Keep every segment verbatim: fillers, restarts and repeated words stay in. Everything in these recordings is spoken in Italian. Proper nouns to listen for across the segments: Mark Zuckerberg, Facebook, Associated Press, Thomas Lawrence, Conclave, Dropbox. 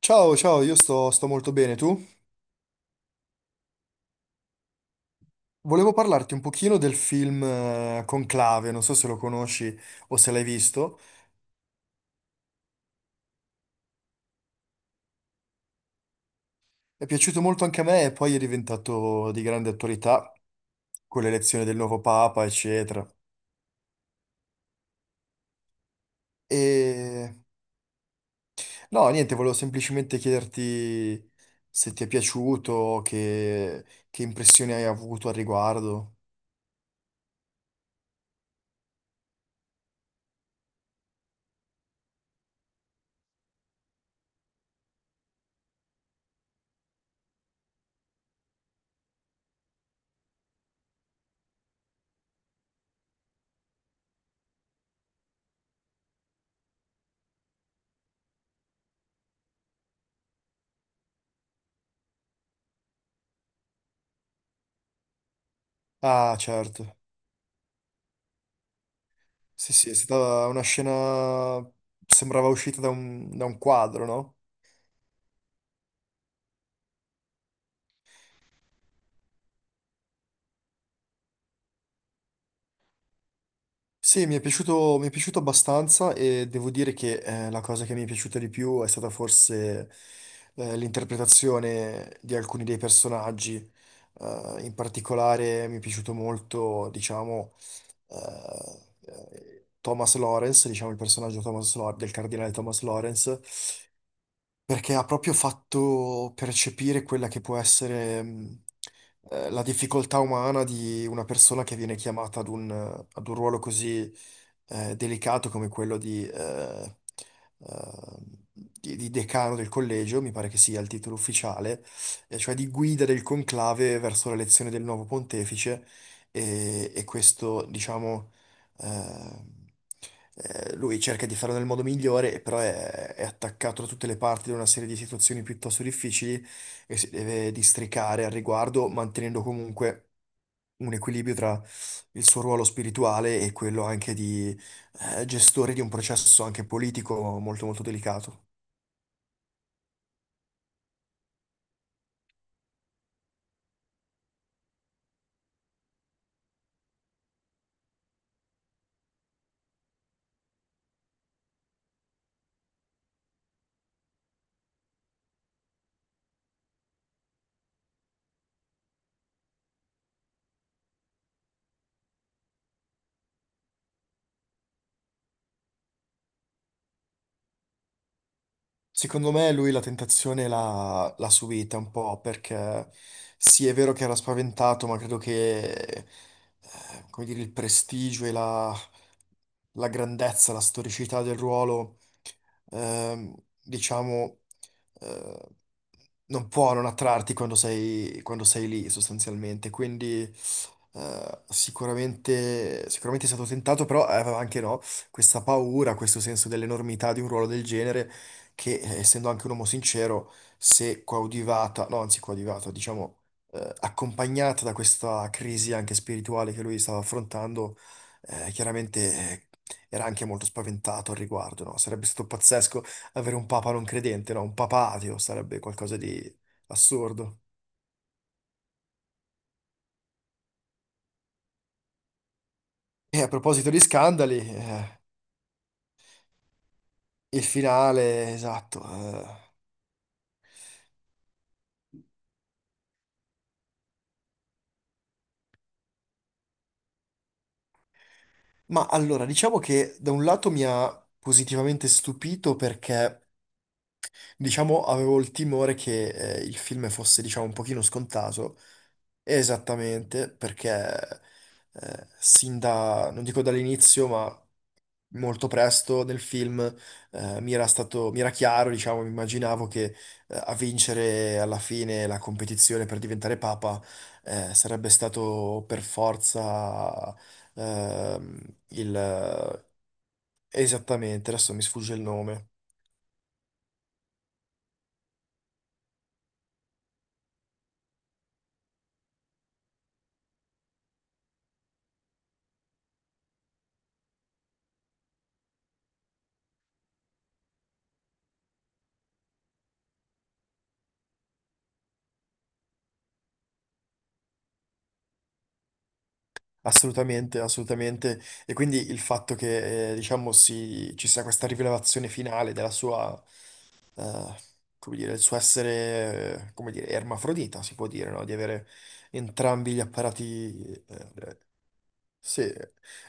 Ciao, ciao, io sto, sto molto bene, tu? Volevo parlarti un pochino del film eh, Conclave, non so se lo conosci o se l'hai visto. È piaciuto molto anche a me e poi è diventato di grande attualità con l'elezione del nuovo Papa, eccetera. E no, niente, volevo semplicemente chiederti se ti è piaciuto, che, che impressioni hai avuto al riguardo. Ah, certo. Sì, sì, è stata una scena... sembrava uscita da un da un quadro, no? Sì, mi è piaciuto, mi è piaciuto abbastanza e devo dire che eh, la cosa che mi è piaciuta di più è stata forse eh, l'interpretazione di alcuni dei personaggi. Eh, in particolare mi è piaciuto molto, diciamo, eh, eh, Thomas Lawrence, diciamo il personaggio Thomas Law- del cardinale Thomas Lawrence, perché ha proprio fatto percepire quella che può essere mh, eh, la difficoltà umana di una persona che viene chiamata ad un, ad un ruolo così eh, delicato come quello di, eh, eh, di- di decano del collegio, mi pare che sia il titolo ufficiale, eh, cioè di guida del conclave verso l'elezione del nuovo pontefice e, e questo, diciamo, eh, eh, lui cerca di farlo nel modo migliore, però è, è attaccato da tutte le parti da una serie di situazioni piuttosto difficili e si deve districare al riguardo, mantenendo comunque un equilibrio tra il suo ruolo spirituale e quello anche di eh, gestore di un processo anche politico molto molto delicato. Secondo me lui la tentazione l'ha l'ha subita un po' perché sì, è vero che era spaventato, ma credo che, eh, come dire, il prestigio e la, la grandezza, la storicità del ruolo, ehm, diciamo, eh, non può non attrarti quando sei, quando sei lì sostanzialmente. Quindi eh, sicuramente, sicuramente è stato tentato, però aveva anche no, questa paura, questo senso dell'enormità di un ruolo del genere, che eh, essendo anche un uomo sincero, se coadiuvata, no, anzi coadiuvata, diciamo, eh, accompagnata da questa crisi anche spirituale che lui stava affrontando, eh, chiaramente era anche molto spaventato al riguardo, no? Sarebbe stato pazzesco avere un papa non credente, no? Un papa ateo sarebbe qualcosa di assurdo. E a proposito di scandali, eh, il finale, esatto. eh. Ma allora, diciamo che da un lato mi ha positivamente stupito perché, diciamo, avevo il timore che eh, il film fosse, diciamo, un pochino scontato. Esattamente, perché eh, sin da, non dico dall'inizio, ma molto presto nel film eh, mi era stato, mi era chiaro, diciamo, mi immaginavo che eh, a vincere alla fine la competizione per diventare papa eh, sarebbe stato per forza, ehm, il... Esattamente, adesso mi sfugge il nome. Assolutamente, assolutamente. E quindi il fatto che, eh, diciamo, si- ci sia questa rivelazione finale della sua, eh, come dire, il suo essere, eh, come dire, ermafrodita, si può dire, no? Di avere entrambi gli apparati, eh, sì,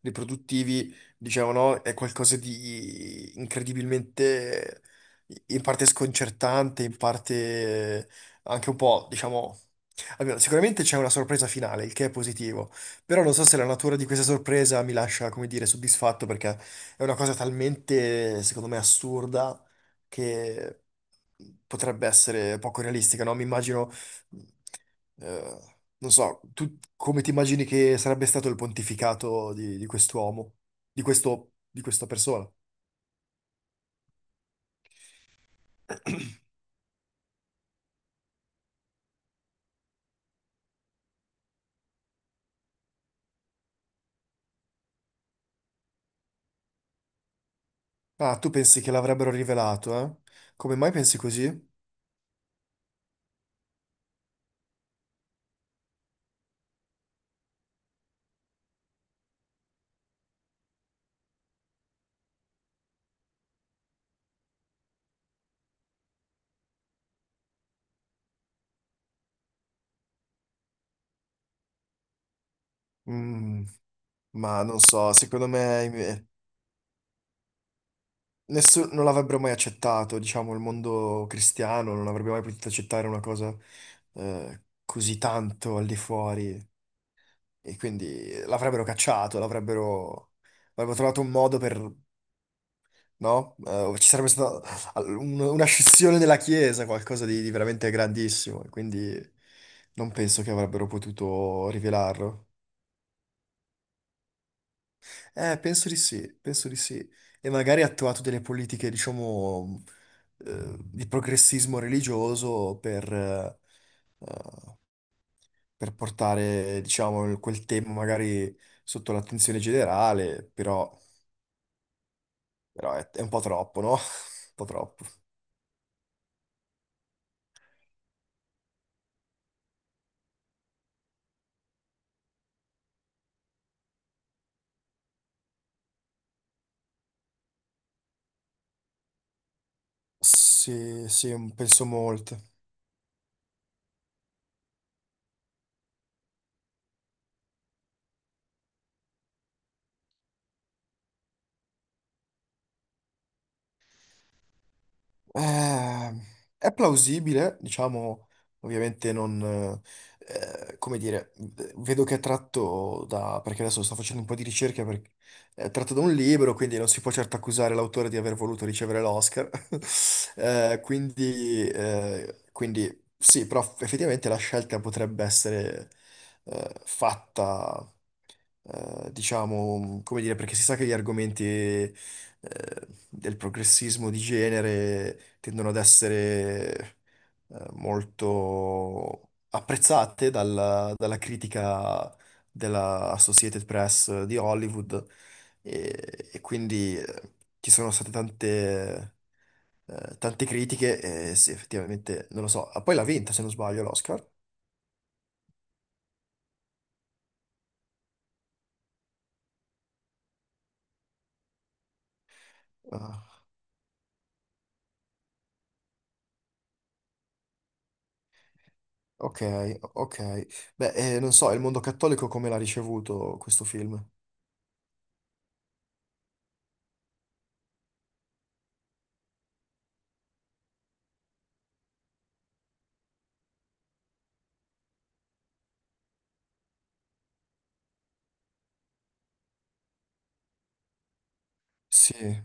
riproduttivi, diciamo, no? È qualcosa di incredibilmente, in parte sconcertante, in parte anche un po', diciamo, almeno sicuramente c'è una sorpresa finale, il che è positivo, però non so se la natura di questa sorpresa mi lascia, come dire, soddisfatto perché è una cosa talmente, secondo me, assurda che potrebbe essere poco realistica, no? Mi immagino, eh, non so, tu come ti immagini che sarebbe stato il pontificato di, di quest'uomo, di questo, di questa persona? Ah, tu pensi che l'avrebbero rivelato, eh? Come mai pensi così? Mm, ma non so, secondo me i miei- nessu- non l'avrebbero mai accettato, diciamo, il mondo cristiano non avrebbe mai potuto accettare una cosa eh, così tanto al di fuori, e quindi l'avrebbero cacciato, l'avrebbero avrebbero trovato un modo per, no? Eh, o ci sarebbe stata al- un- una scissione della Chiesa, qualcosa di, di veramente grandissimo, e quindi non penso che avrebbero potuto rivelarlo. Eh, penso di sì, penso di sì. E magari ha attuato delle politiche, diciamo, eh, di progressismo religioso per, eh, per portare, diciamo, quel tema magari sotto l'attenzione generale, però, però è, è un po' troppo, no? Un po' troppo. Sì, sì, penso molto. Eh, è plausibile, diciamo, ovviamente non, eh, come dire, vedo che è tratto da, perché adesso sto facendo un po' di ricerca, perché è tratto da un libro, quindi non si può certo accusare l'autore di aver voluto ricevere l'Oscar. Eh, quindi, eh, quindi sì, però effettivamente la scelta potrebbe essere, eh, fatta, eh, diciamo, come dire, perché si sa che gli argomenti eh, del progressismo di genere tendono ad essere eh, molto apprezzate dalla, dalla critica della Associated Press di Hollywood e, e quindi eh, ci sono state tante, eh, tante critiche e sì, effettivamente, non lo so. Ah, poi l'ha vinta se non sbaglio l'Oscar. Ah, ok, ok. Beh, eh, non so, il mondo cattolico come l'ha ricevuto questo film? Sì.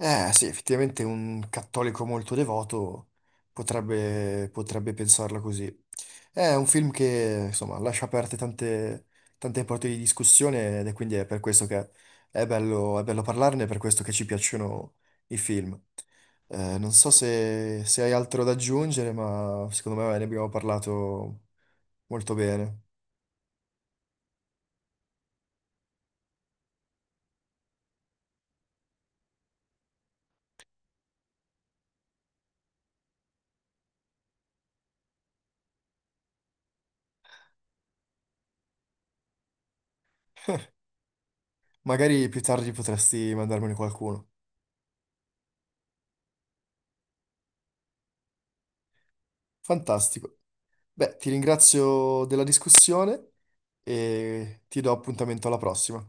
Eh, sì, effettivamente un cattolico molto devoto potrebbe, potrebbe pensarla così. È un film che, insomma, lascia aperte tante, tante porte di discussione ed è quindi è per questo che è bello, è bello parlarne, è per questo che ci piacciono i film. Eh, non so se, se hai altro da aggiungere, ma secondo me ne abbiamo parlato molto bene. Magari più tardi potresti mandarmene qualcuno. Fantastico. Beh, ti ringrazio della discussione e ti do appuntamento alla prossima.